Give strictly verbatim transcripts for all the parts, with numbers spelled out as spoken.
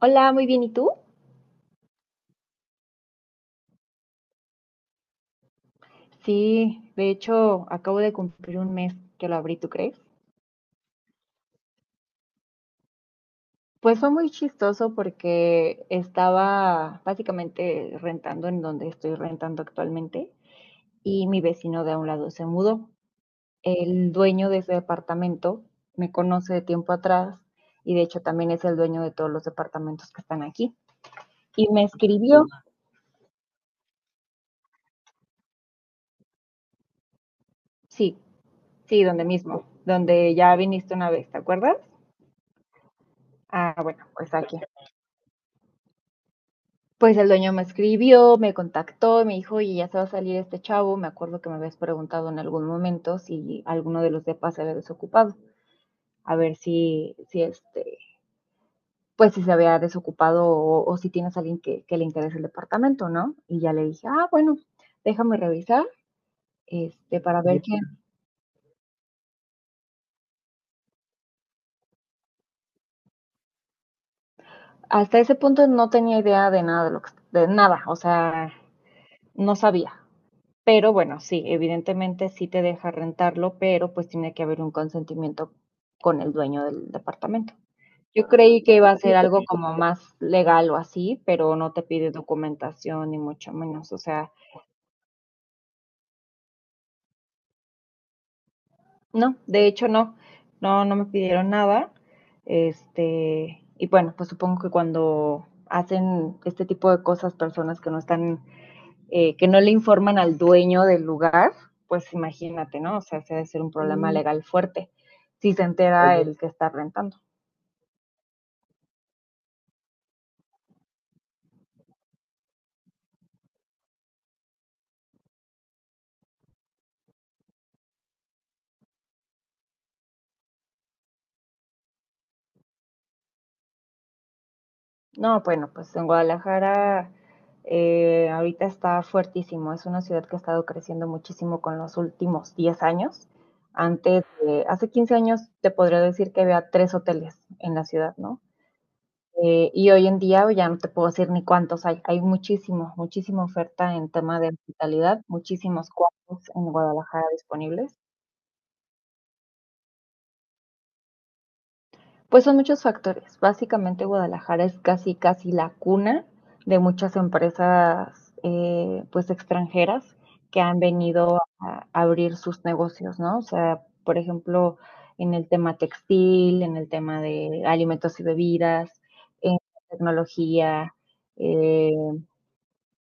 Hola, muy bien, ¿y tú? Sí, de hecho, acabo de cumplir un mes que lo abrí, ¿tú crees? Pues fue muy chistoso porque estaba básicamente rentando en donde estoy rentando actualmente y mi vecino de a un lado se mudó. El dueño de ese departamento me conoce de tiempo atrás y de hecho también es el dueño de todos los departamentos que están aquí. Y me escribió, sí, sí, donde mismo, donde ya viniste una vez, ¿te acuerdas? Ah, bueno, pues aquí. Pues el dueño me escribió, me contactó, me dijo: "Oye, ya se va a salir este chavo, me acuerdo que me habías preguntado en algún momento si alguno de los depas se había desocupado, a ver si si, este, pues, si se había desocupado o o si tienes a alguien que que le interese el departamento", ¿no? Y ya le dije: "Ah, bueno, déjame revisar, este, para ver quién". Hasta ese punto no tenía idea de nada de lo que de nada, o sea, no sabía. Pero bueno, sí, evidentemente sí te deja rentarlo, pero pues tiene que haber un consentimiento con el dueño del departamento. Yo creí que iba a ser algo como más legal o así, pero no te pide documentación ni mucho menos. O sea, no, de hecho no, no, no me pidieron nada. Este, y bueno, pues supongo que cuando hacen este tipo de cosas personas que no están eh, que no le informan al dueño del lugar, pues imagínate, ¿no? O sea, ese debe ser un problema legal fuerte si se entera el que está rentando. No, bueno, pues en Guadalajara eh, ahorita está fuertísimo. Es una ciudad que ha estado creciendo muchísimo con los últimos diez años. Antes, eh, hace quince años te podría decir que había tres hoteles en la ciudad, ¿no? Eh, y hoy en día ya no te puedo decir ni cuántos hay, hay muchísimo, muchísima oferta en tema de hospitalidad, muchísimos cuartos en Guadalajara disponibles. Pues son muchos factores. Básicamente Guadalajara es casi, casi la cuna de muchas empresas, eh, pues extranjeras que han venido a abrir sus negocios, ¿no? O sea, por ejemplo, en el tema textil, en el tema de alimentos y bebidas, en tecnología, eh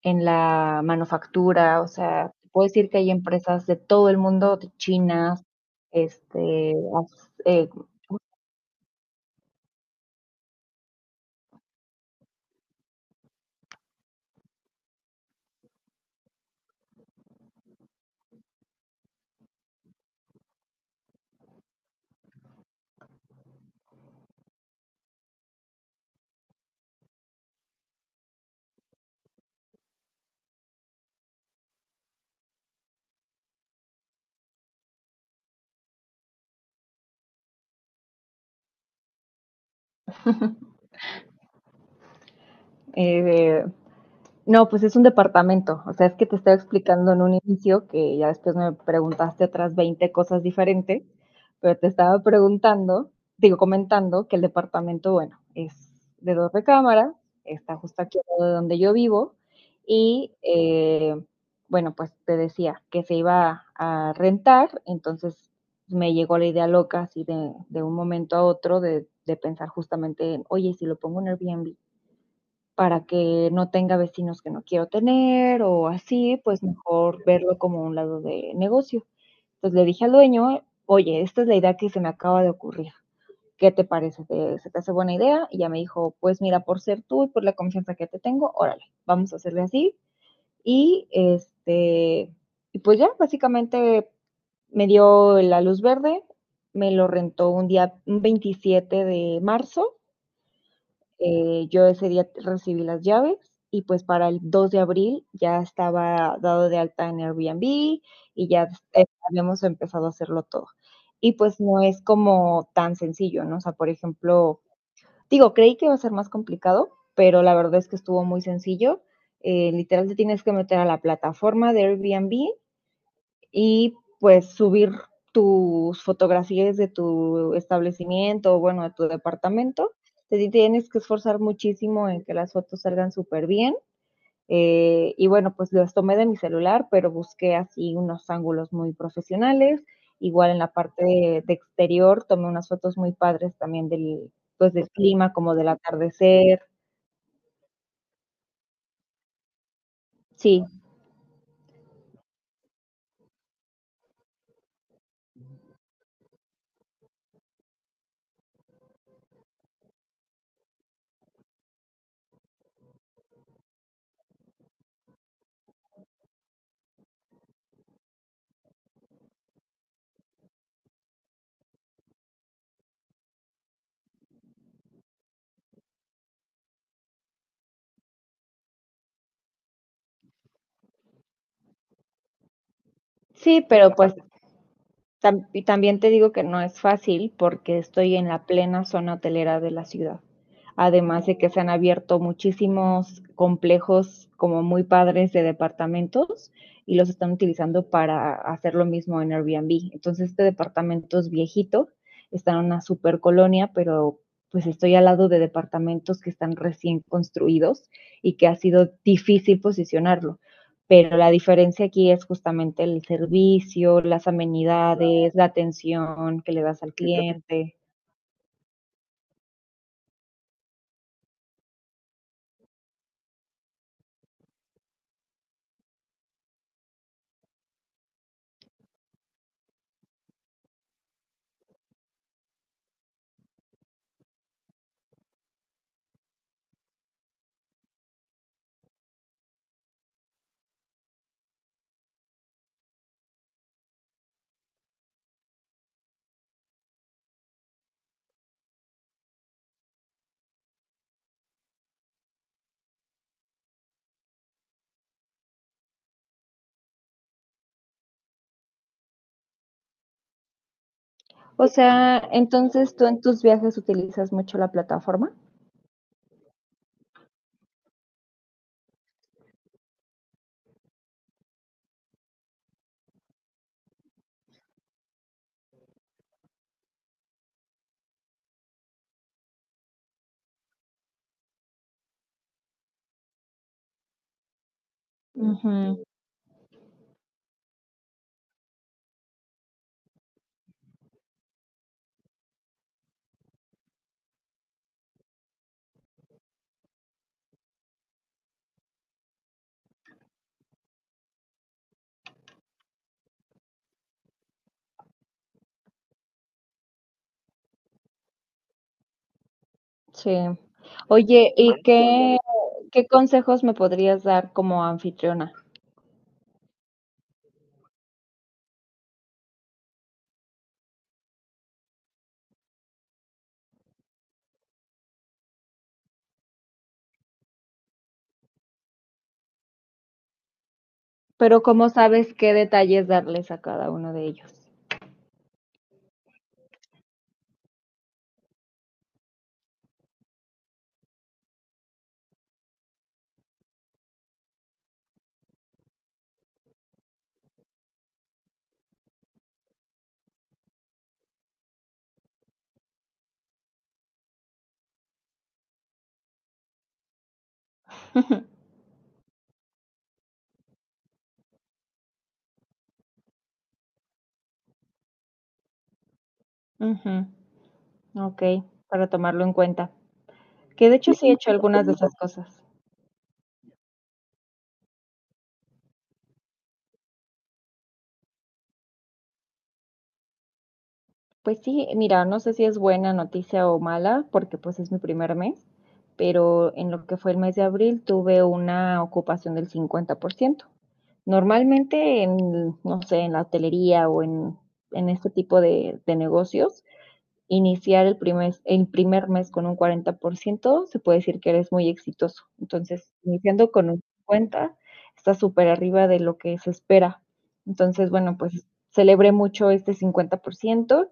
en la manufactura, o sea, puedo decir que hay empresas de todo el mundo, de chinas, este, as- eh, eh, No, pues es un departamento. O sea, es que te estaba explicando en un inicio que ya después me preguntaste otras veinte cosas diferentes, pero te estaba preguntando, digo, comentando que el departamento, bueno, es de dos recámaras, está justo aquí al lado de donde yo vivo y, eh, bueno, pues te decía que se iba a rentar, entonces me llegó la idea loca así de, de un momento a otro de, de pensar justamente en, oye, si lo pongo en Airbnb, para que no tenga vecinos que no quiero tener o así, pues mejor verlo como un lado de negocio. Entonces le dije al dueño, oye, esta es la idea que se me acaba de ocurrir. ¿Qué te parece? ¿Te- ¿Se te hace buena idea? Y ya me dijo, pues mira, por ser tú y por la confianza que te tengo, órale, vamos a hacerle así. Y este, y pues ya, básicamente me dio la luz verde, me lo rentó un día, un veintisiete de marzo, eh, yo ese día recibí las llaves y pues para el dos de abril ya estaba dado de alta en Airbnb y ya eh, habíamos empezado a hacerlo todo. Y pues no es como tan sencillo, ¿no? O sea, por ejemplo, digo, creí que iba a ser más complicado, pero la verdad es que estuvo muy sencillo. Eh, literal te tienes que meter a la plataforma de Airbnb y pues subir tus fotografías de tu establecimiento, o bueno, de tu departamento. Te tienes que esforzar muchísimo en que las fotos salgan súper bien. Eh, y bueno, pues las tomé de mi celular, pero busqué así unos ángulos muy profesionales. Igual en la parte de, de exterior tomé unas fotos muy padres también del, pues del clima, como del atardecer. Sí, sí, pero pues Tam- y también te digo que no es fácil porque estoy en la plena zona hotelera de la ciudad. Además de que se han abierto muchísimos complejos como muy padres de departamentos y los están utilizando para hacer lo mismo en Airbnb. Entonces, este departamento es viejito, está en una super colonia, pero pues estoy al lado de departamentos que están recién construidos y que ha sido difícil posicionarlo pero la diferencia aquí es justamente el servicio, las amenidades, la atención que le das al cliente. O sea, entonces tú en tus viajes utilizas mucho la plataforma. Ujú, sí. Oye, ¿y qué, qué consejos me podrías dar como anfitriona? Pero ¿cómo sabes qué detalles darles a cada uno de ellos? Ujú, ok, para tomarlo en cuenta. Que de hecho sí he hecho algunas de esas cosas. Pues sí, mira, no sé si es buena noticia o mala, porque pues es mi primer mes, pero en lo que fue el mes de abril tuve una ocupación del cincuenta por ciento. Normalmente en, no sé, en la hotelería o en, en este tipo de, de negocios, iniciar el primer, el primer mes con un cuarenta por ciento, se puede decir que eres muy exitoso. Entonces, iniciando con un cincuenta, está súper arriba de lo que se espera. Entonces, bueno, pues celebré mucho este cincuenta por ciento.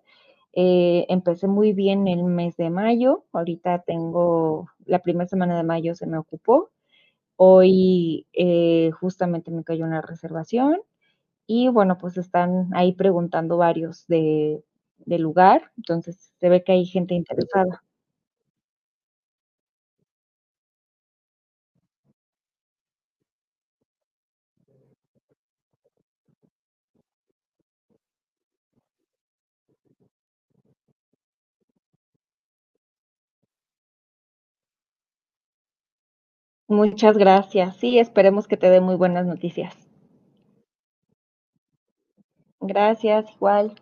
Eh, empecé muy bien el mes de mayo. Ahorita tengo la primera semana de mayo se me ocupó. Hoy eh, justamente me cayó una reservación y bueno, pues están ahí preguntando varios de, de lugar, entonces se ve que hay gente interesada. Muchas gracias. Sí, esperemos que te dé muy buenas noticias. Gracias, igual.